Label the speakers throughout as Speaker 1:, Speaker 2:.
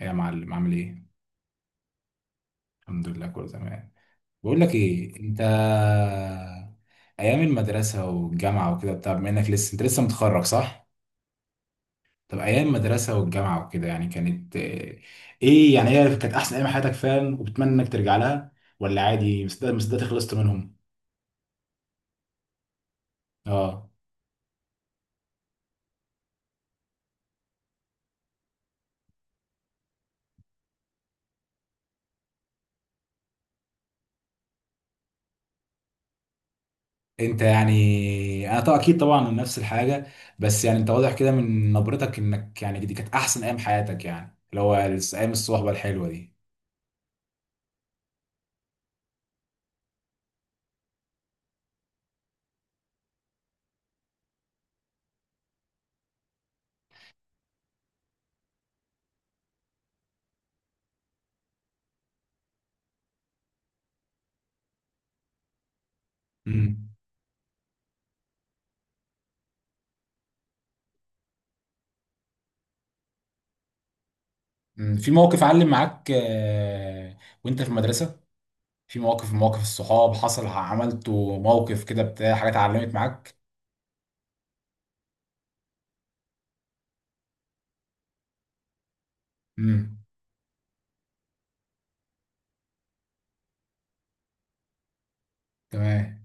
Speaker 1: إيه يا معلم عامل ايه؟ الحمد لله، كله تمام. بقول لك ايه انت. ايام المدرسة والجامعة وكده بتاع، بما انك انت لسه متخرج، صح؟ طب ايام المدرسة والجامعة وكده يعني كانت ايه، يعني هي كانت احسن ايام حياتك فعلا، وبتمنى انك ترجع لها ولا عادي مصدق خلصت منهم؟ اه. انت يعني انا طبعا اكيد طبعا نفس الحاجة. بس يعني انت واضح كده من نبرتك انك يعني دي كانت احسن ايام حياتك، يعني اللي هو ايام الصحبة الحلوة دي. مم. في موقف علم معاك وانت في المدرسة، في مواقف الصحاب، حصل عملته موقف كده بتاع حاجات علمت معاك؟ امم. تمام.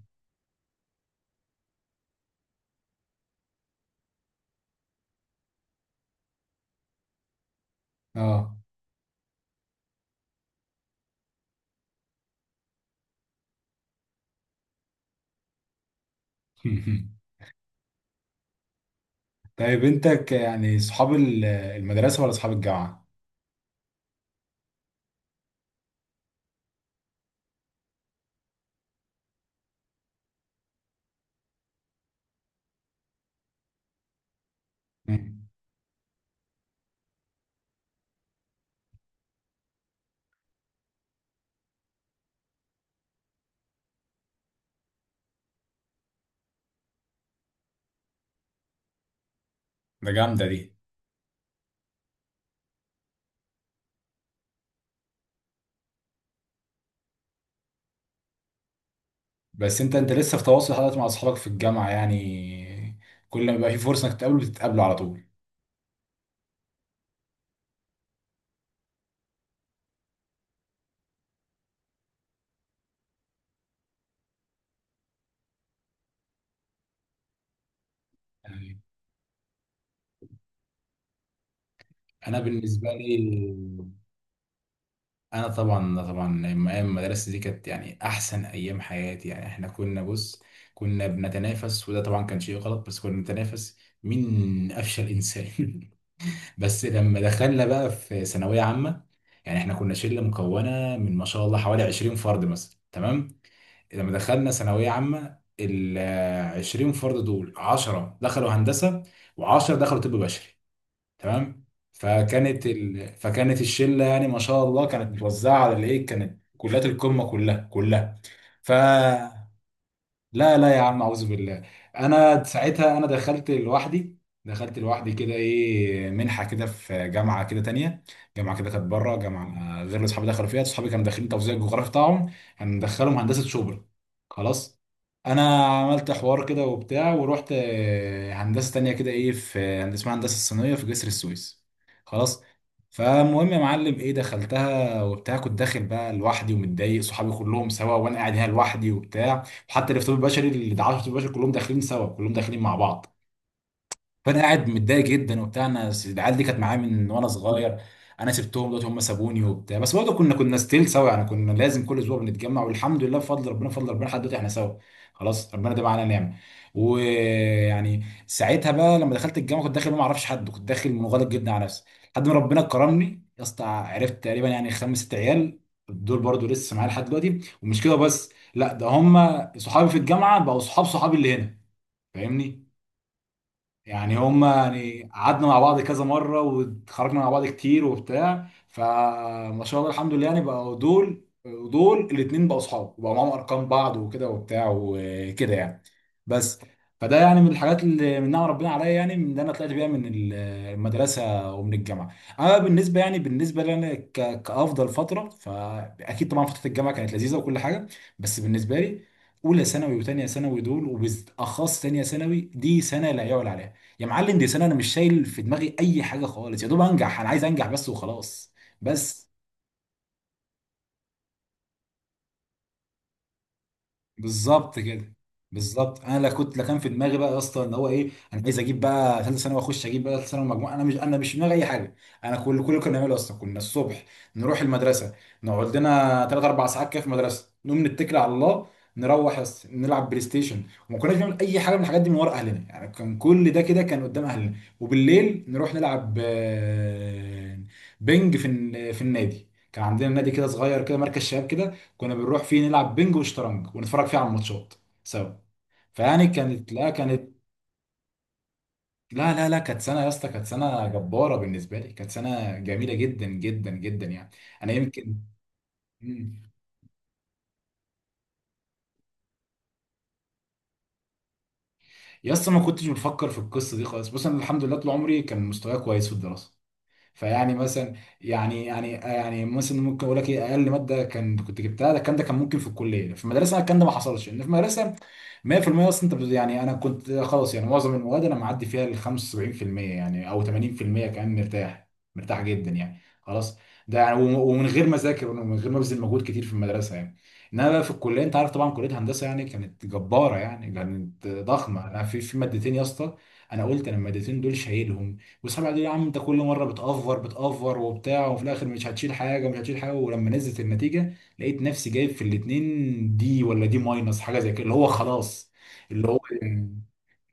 Speaker 1: اه. طيب، انت يعني صحاب المدرسة ولا صحاب الجامعة؟ مم. ده جامدة دي. بس انت لسه في تواصل حضرتك مع اصحابك في الجامعة يعني؟ كل ما يبقى في فرصة انك تقابله بتتقابله على طول. يعني انا بالنسبة لي، انا طبعا طبعا ايام المدرسه دي كانت يعني احسن ايام حياتي يعني. احنا كنا بص، كنا بنتنافس، وده طبعا كان شيء غلط، بس كنا بنتنافس مين افشل انسان. بس لما دخلنا بقى في ثانويه عامه، يعني احنا كنا شله مكونه من ما شاء الله حوالي 20 فرد مثلا، تمام؟ لما دخلنا ثانويه عامه، ال 20 فرد دول 10 دخلوا هندسه و10 دخلوا طب بشري، تمام. فكانت الشله يعني، ما شاء الله، كانت متوزعه على الايه، كانت كليات القمه كلها كلها. ف لا لا يا عم، اعوذ بالله. انا ساعتها انا دخلت لوحدي، دخلت لوحدي كده، ايه، منحه كده في جامعه كده تانية. جامعه كده كانت بره، جامعه غير اللي اصحابي دخلوا فيها. اصحابي كانوا داخلين توزيع الجغرافي بتاعهم، هندخلهم هندسه شبرا، خلاص. انا عملت حوار كده وبتاع، ورحت هندسه تانية كده، ايه، في هندسه اسمها هندسه الصينيه في جسر السويس، خلاص. فالمهم يا معلم، ايه، دخلتها وبتاع، كنت داخل بقى لوحدي ومتضايق، صحابي كلهم سوا وانا قاعد هنا لوحدي وبتاع. وحتى الافتراض البشري اللي دعاه الافتراض البشري كلهم داخلين سوا، كلهم داخلين مع بعض. فانا قاعد متضايق جدا وبتاع، انا العيال دي كانت معايا من وانا صغير. انا سبتهم دلوقتي، هم سابوني وبتاع، بس برضه كنا ستيل سوا، يعني كنا لازم كل اسبوع بنتجمع، والحمد لله بفضل ربنا بفضل ربنا لحد دلوقتي احنا سوا. خلاص، ربنا ده معانا نعمه. ويعني ساعتها بقى لما دخلت الجامعه، كنت داخل ما اعرفش حد، كنت داخل منغلق جدا على نفسي، لحد ما ربنا كرمني يا اسطى، عرفت تقريبا يعني خمس ست عيال، دول برضه لسه معايا لحد دلوقتي. ومش كده بس، لا، ده هم صحابي في الجامعه بقوا صحاب صحابي اللي هنا، فاهمني؟ يعني هما يعني قعدنا مع بعض كذا مرة واتخرجنا مع بعض كتير وبتاع. فما شاء الله الحمد لله، يعني بقوا دول ودول الاتنين بقوا صحاب وبقوا معاهم أرقام بعض وكده وبتاع وكده يعني. بس. فده يعني من الحاجات اللي من نعم ربنا عليا، يعني من اللي انا طلعت بيها من المدرسه ومن الجامعه. اما يعني بالنسبه لي انا كافضل فتره، فاكيد طبعا فتره الجامعه كانت لذيذه وكل حاجه. بس بالنسبه لي، اولى ثانوي وثانيه ثانوي دول، وبالاخص ثانيه ثانوي، دي سنه لا يعلى عليها. يا معلم دي سنة، انا مش شايل في دماغي اي حاجة خالص، يا دوب انجح، انا عايز انجح بس وخلاص. بس بالظبط كده. بالظبط انا، لا كنت، لا كان في دماغي بقى يا اسطى ان هو ايه انا عايز اجيب بقى ثالثه ثانوي واخش اجيب بقى ثالثه ثانوي مجموعه، انا مش في دماغي اي حاجه. انا كل اللي كنا بنعمله اصلا، كنا الصبح نروح المدرسه، نقعد لنا ثلاث اربع ساعات كده في المدرسه، نقوم نتكل على الله، نروح يا اسطى نلعب بلاي ستيشن. وما كناش بنعمل اي حاجه من الحاجات دي من ورا اهلنا يعني، كان كل ده كده كان قدام اهلنا. وبالليل نروح نلعب بينج في في النادي، كان عندنا نادي كده صغير كده، مركز شباب كده، كنا بنروح فيه نلعب بينج وشطرنج ونتفرج فيه على الماتشات سوا. فيعني كانت، لا كانت، لا لا لا كانت سنه يا اسطى، كانت سنه جباره بالنسبه لي، كانت سنه جميله جدا جدا جدا يعني، انا يمكن. مم. يا اسطى، ما كنتش بفكر في القصه دي خالص، بص انا الحمد لله طول عمري كان مستواي كويس في الدراسه. فيعني مثلا، يعني مثلا ممكن اقول لك ايه اقل ماده كان كنت جبتها. ده الكلام ده كان ممكن في الكليه، في المدرسه الكلام ده ما حصلش. ان في المدرسه 100% اصلا، انت يعني انا كنت خلاص يعني معظم المواد انا معدي فيها ال 75% يعني او 80% كمان، مرتاح، مرتاح جدا يعني، خلاص. ده يعني ومن غير ما اذاكر ومن غير ما ابذل مجهود كتير في المدرسه يعني. انما بقى في الكليه، انت عارف طبعا كليه هندسه يعني كانت جباره، يعني كانت ضخمه. انا في مادتين يا اسطى، انا قلت انا المادتين دول شايلهم وسبعة دي يا عم. انت كل مره بتأفور بتأفور وبتاع، وفي الاخر مش هتشيل حاجه ومش هتشيل حاجه، ولما نزلت النتيجه لقيت نفسي جايب في الاتنين دي ولا دي ماينس حاجه زي كده، اللي هو خلاص اللي هو اللي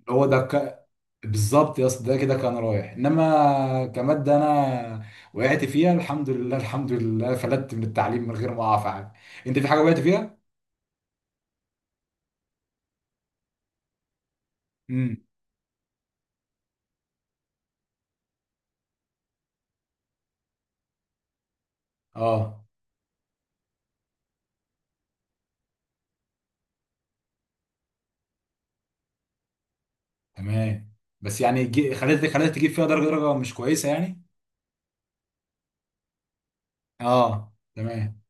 Speaker 1: هو بالظبط يا اسطى ده كده كان رايح. انما كماده انا وقعت فيها، الحمد لله الحمد لله فلتت من التعليم من غير ما اقع في حاجه. انت في حاجه وقعت فيها؟ امم. اه، تمام. بس يعني خليت تجيب فيها درجه مش كويسه يعني. اه، تمام.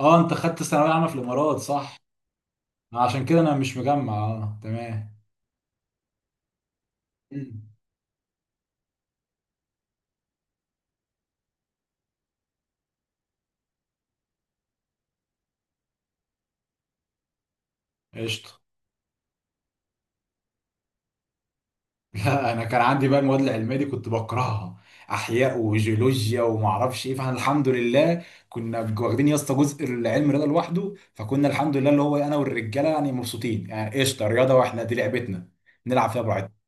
Speaker 1: اه، انت خدت ثانوية عامة في الامارات، صح؟ عشان كده انا مش مجمع، اه، تمام. مم. قشطة. لا انا كان عندي بقى المواد العلمية دي كنت بكرهها، احياء وجيولوجيا وما اعرفش ايه. فاحنا الحمد لله كنا واخدين يا اسطى جزء العلم رياضة لوحده، فكنا الحمد لله اللي هو انا والرجالة يعني مبسوطين، يعني قشطة رياضة، واحنا دي لعبتنا، نلعب فيها براحتنا.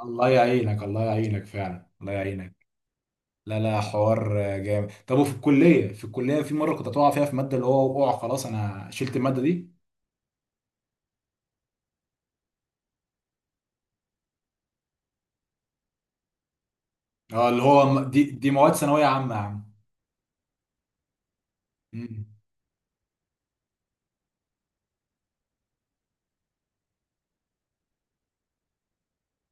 Speaker 1: الله يعينك الله يعينك فعلا، الله يعينك. لا لا حوار جامد. طب وفي الكلية في الكلية في مرة كنت هتقع فيها في مادة، اللي هو وقع خلاص، انا شلت المادة دي. اه، اللي هو دي مواد ثانويه عامه يا عم. مم.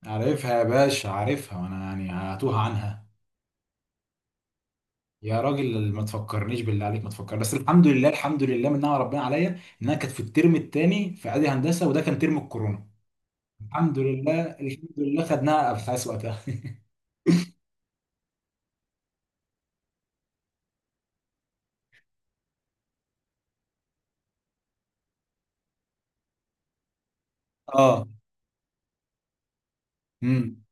Speaker 1: عارفها يا باشا، عارفها، وانا يعني هتوه عنها. يا راجل ما تفكرنيش، بالله عليك ما تفكر بس. الحمد لله الحمد لله من نعم ربنا عليا انها كانت في الترم الثاني في اعدادي هندسه، وده كان ترم الكورونا. الحمد لله الحمد لله خدناها ابحاث وقتها. اه. امم.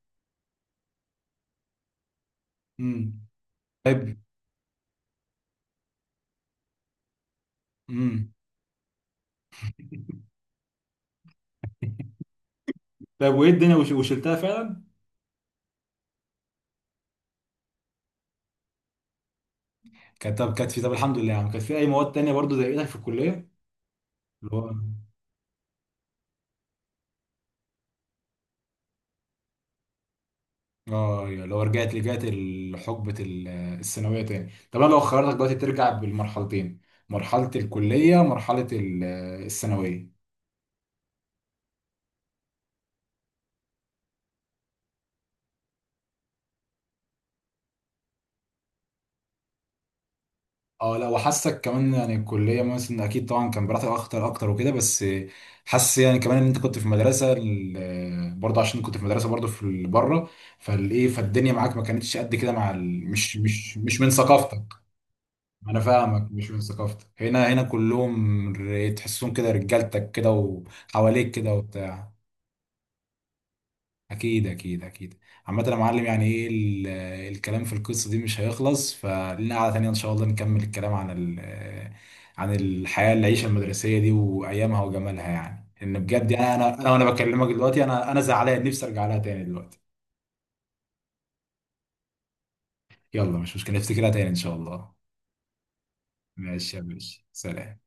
Speaker 1: امم. طيب. امم. طيب، وايه الدنيا وشلتها فعلا؟ كانت طب، كانت في طب الحمد لله يعني، كانت في اي مواد تانية برضو زي ايدك في الكليه؟ اللي هو، اه، يا لو رجعت لحقبة الثانوية تاني. طب انا لو خيرتك دلوقتي ترجع بالمرحلتين، مرحلة الكلية مرحلة الثانوية. اه، لا، وحاسك كمان يعني الكلية مثلا اكيد طبعا كان براحتك اكتر اكتر وكده، بس حاسس يعني كمان ان انت كنت في مدرسة برضه، عشان كنت في مدرسة برضه في بره. فالدنيا معاك ما كانتش قد كده مع مش من ثقافتك. انا فاهمك، مش من ثقافتك. هنا كلهم تحسهم كده رجالتك كده وحواليك كده وبتاع. اكيد اكيد اكيد. عامة يا معلم، يعني، ايه الكلام في القصة دي مش هيخلص. فلنا قعدة تانية ان شاء الله نكمل الكلام عن عن الحياة العيشة المدرسية دي وايامها وجمالها، يعني ان بجد يعني، انا وانا بكلمك دلوقتي انا زعلان نفسي ارجع لها تاني دلوقتي. يلا مش مشكلة، نفتكرها تاني ان شاء الله. ماشي يا باشا، سلام.